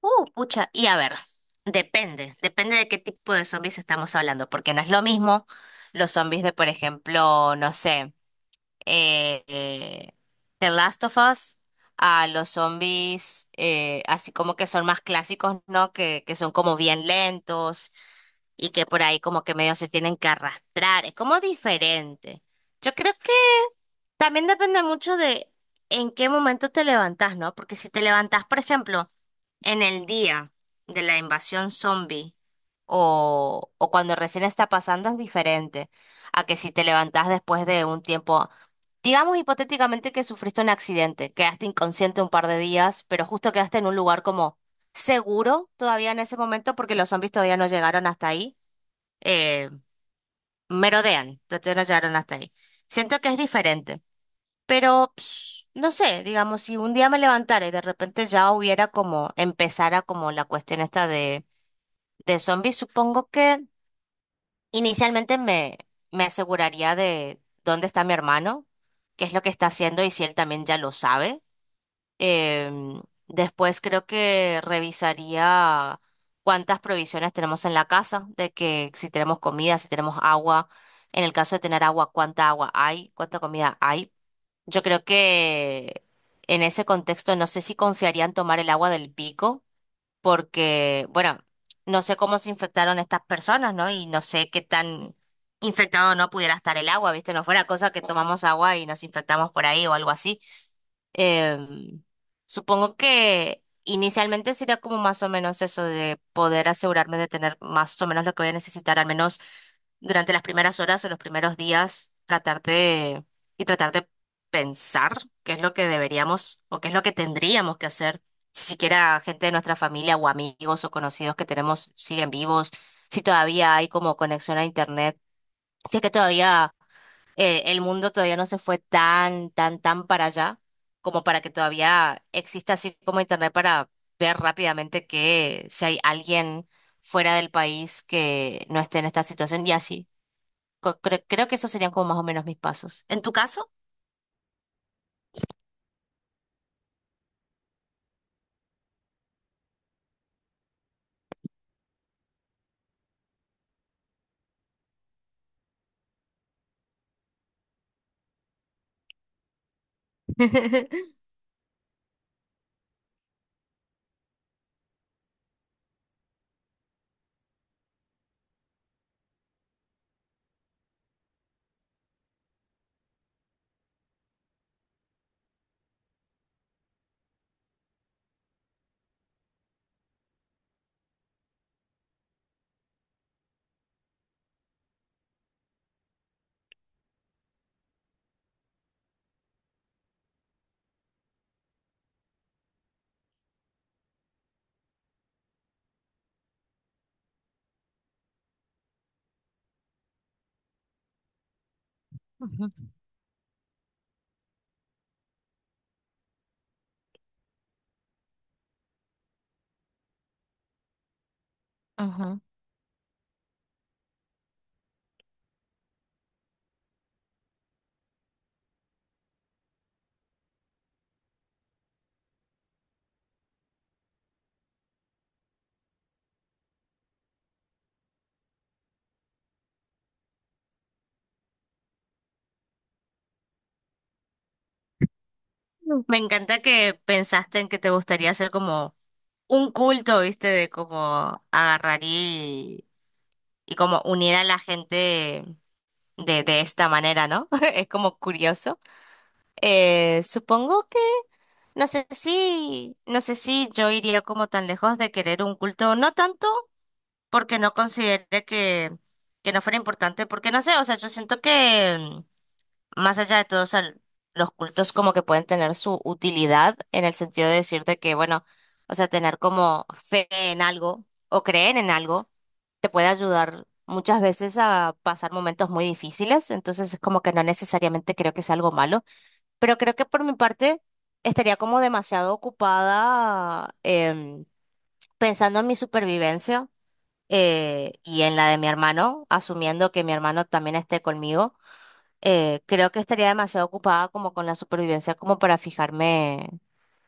Pucha, y a ver, depende de qué tipo de zombies estamos hablando, porque no es lo mismo los zombies de, por ejemplo, no sé, eh, eh, The Last of Us, a los zombies así como que son más clásicos, ¿no? Que son como bien lentos y que por ahí como que medio se tienen que arrastrar, es como diferente. Yo creo que también depende mucho de en qué momento te levantás, ¿no? Porque si te levantás, por ejemplo, en el día de la invasión zombie o cuando recién está pasando es diferente a que si te levantás después de un tiempo, digamos hipotéticamente que sufriste un accidente, quedaste inconsciente un par de días, pero justo quedaste en un lugar como seguro todavía en ese momento porque los zombies todavía no llegaron hasta ahí, eh, merodean, pero todavía no llegaron hasta ahí. Siento que es diferente. Pero, ps, no sé, digamos, si un día me levantara y de repente ya hubiera como, empezara como la cuestión esta de zombies, supongo que inicialmente me aseguraría de dónde está mi hermano, qué es lo que está haciendo y si él también ya lo sabe. Em, después creo que revisaría cuántas provisiones tenemos en la casa, de que si tenemos comida, si tenemos agua, en el caso de tener agua, cuánta agua hay, cuánta comida hay. Yo creo que en ese contexto no sé si confiarían tomar el agua del pico, porque, bueno, no sé cómo se infectaron estas personas, ¿no? Y no sé qué tan infectado no pudiera estar el agua, ¿viste? No fuera cosa que tomamos agua y nos infectamos por ahí o algo así. Em, supongo que inicialmente sería como más o menos eso de poder asegurarme de tener más o menos lo que voy a necesitar, al menos durante las primeras horas o los primeros días tratar de, y tratar de pensar qué es lo que deberíamos o qué es lo que tendríamos que hacer, si siquiera gente de nuestra familia o amigos o conocidos que tenemos siguen vivos, si todavía hay como conexión a internet, si es que todavía el mundo todavía no se fue tan, tan, tan para allá como para que todavía exista así como internet para ver rápidamente que si hay alguien fuera del país que no esté en esta situación y así. Creo que esos serían como más o menos mis pasos. ¿En tu caso? Ajá. Me encanta que pensaste en que te gustaría hacer como un culto, ¿viste? De como agarrar y como unir a la gente de esta manera, ¿no? Es como curioso. Supongo que, no sé si yo iría como tan lejos de querer un culto, no tanto porque no considere que no fuera importante, porque no sé, o sea, yo siento que más allá de todos los cultos como que pueden tener su utilidad en el sentido de decirte que, bueno, o sea, tener como fe en algo o creer en algo te puede ayudar muchas veces a pasar momentos muy difíciles, entonces es como que no necesariamente creo que sea algo malo, pero creo que por mi parte estaría como demasiado ocupada pensando en mi supervivencia y en la de mi hermano, asumiendo que mi hermano también esté conmigo. Creo que estaría demasiado ocupada como con la supervivencia como para fijarme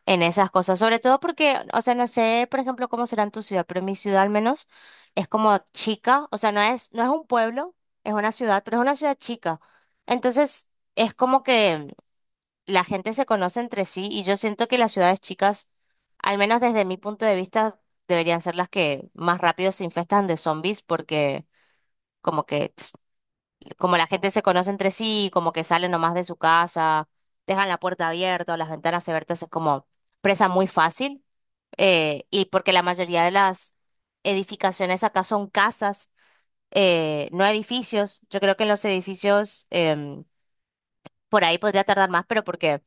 en esas cosas, sobre todo porque, o sea, no sé, por ejemplo, cómo será en tu ciudad, pero en mi ciudad al menos es como chica, o sea, no es un pueblo, es una ciudad, pero es una ciudad chica. Entonces, es como que la gente se conoce entre sí y yo siento que las ciudades chicas, al menos desde mi punto de vista, deberían ser las que más rápido se infestan de zombies porque como que como la gente se conoce entre sí, como que salen nomás de su casa, dejan la puerta abierta o las ventanas abiertas, es como presa muy fácil. Y porque la mayoría de las edificaciones acá son casas, no edificios. Yo creo que en los edificios por ahí podría tardar más, pero porque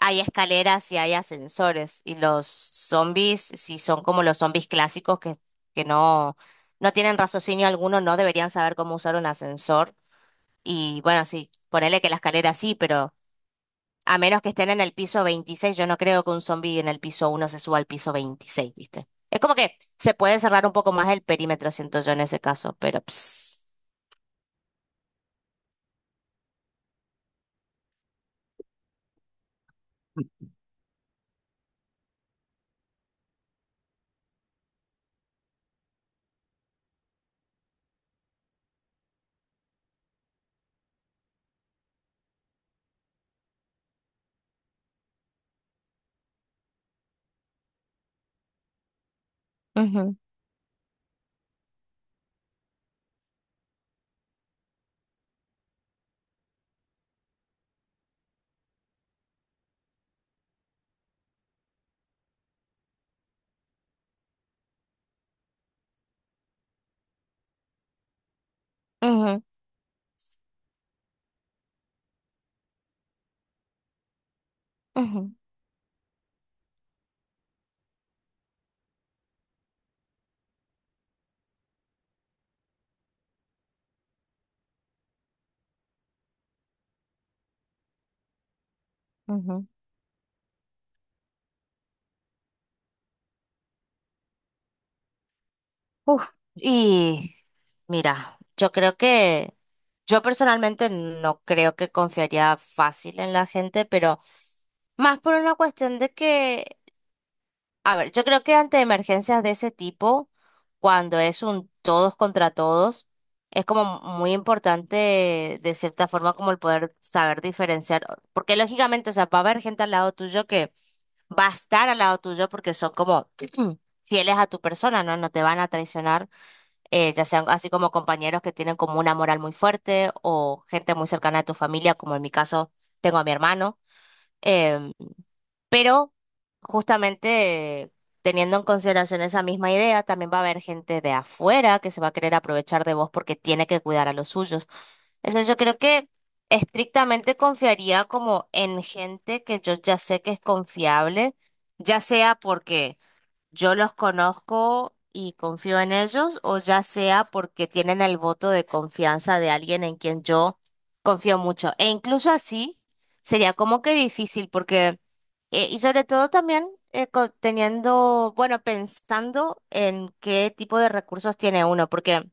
hay escaleras y hay ascensores. Y los zombies, si son como los zombies clásicos que no tienen raciocinio alguno, no deberían saber cómo usar un ascensor y bueno, sí, ponele que la escalera sí, pero a menos que estén en el piso 26 yo no creo que un zombie en el piso uno se suba al piso veintiséis, ¿viste? Es como que se puede cerrar un poco más el perímetro, siento yo en ese caso, pero ps. Ujú, ujú, ujú, ujú. Uf, y mira, yo creo que yo personalmente no creo que confiaría fácil en la gente, pero más por una cuestión de que, a ver, yo creo que ante emergencias de ese tipo, cuando es un todos contra todos, es como muy importante de cierta forma como el poder saber diferenciar, porque lógicamente, o sea, va a haber gente al lado tuyo que va a estar al lado tuyo porque son como fieles a tu persona, ¿no? No te van a traicionar, ya sean así como compañeros que tienen como una moral muy fuerte o gente muy cercana a tu familia, como en mi caso tengo a mi hermano. eh, pero justamente teniendo en consideración esa misma idea, también va a haber gente de afuera que se va a querer aprovechar de vos porque tiene que cuidar a los suyos. Entonces yo creo que estrictamente confiaría como en gente que yo ya sé que es confiable, ya sea porque yo los conozco y confío en ellos, o ya sea porque tienen el voto de confianza de alguien en quien yo confío mucho. E incluso así sería como que difícil, porque, y sobre todo también teniendo, bueno, pensando en qué tipo de recursos tiene uno, porque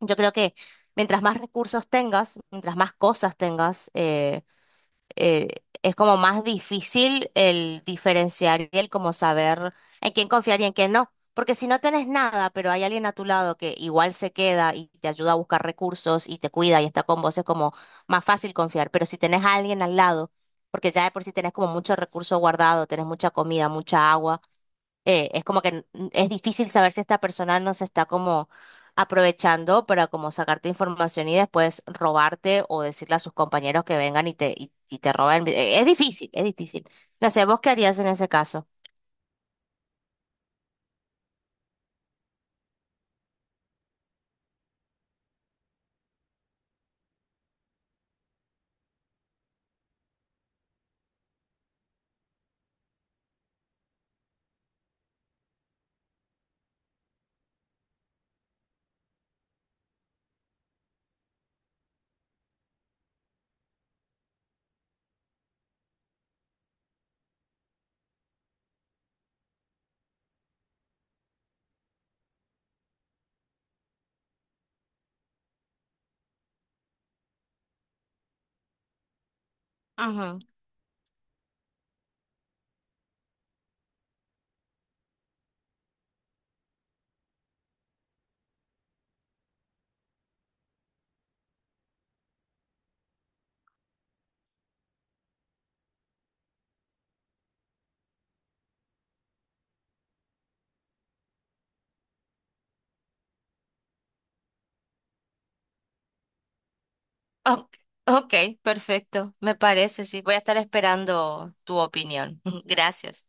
yo creo que mientras más recursos tengas, mientras más cosas tengas, eh, es como más difícil el diferenciar y el como saber en quién confiar y en quién no. Porque si no tenés nada, pero hay alguien a tu lado que igual se queda y te ayuda a buscar recursos y te cuida y está con vos, es como más fácil confiar. Pero si tenés a alguien al lado, porque ya de por sí tenés como mucho recurso guardado, tenés mucha comida, mucha agua. Es como que es difícil saber si esta persona no se está como aprovechando para como sacarte información y después robarte o decirle a sus compañeros que vengan y te roben. Es difícil, es difícil. No sé, ¿vos qué harías en ese caso? Ujú. Ok, ok, perfecto. Me parece, sí. Voy a estar esperando tu opinión. Gracias.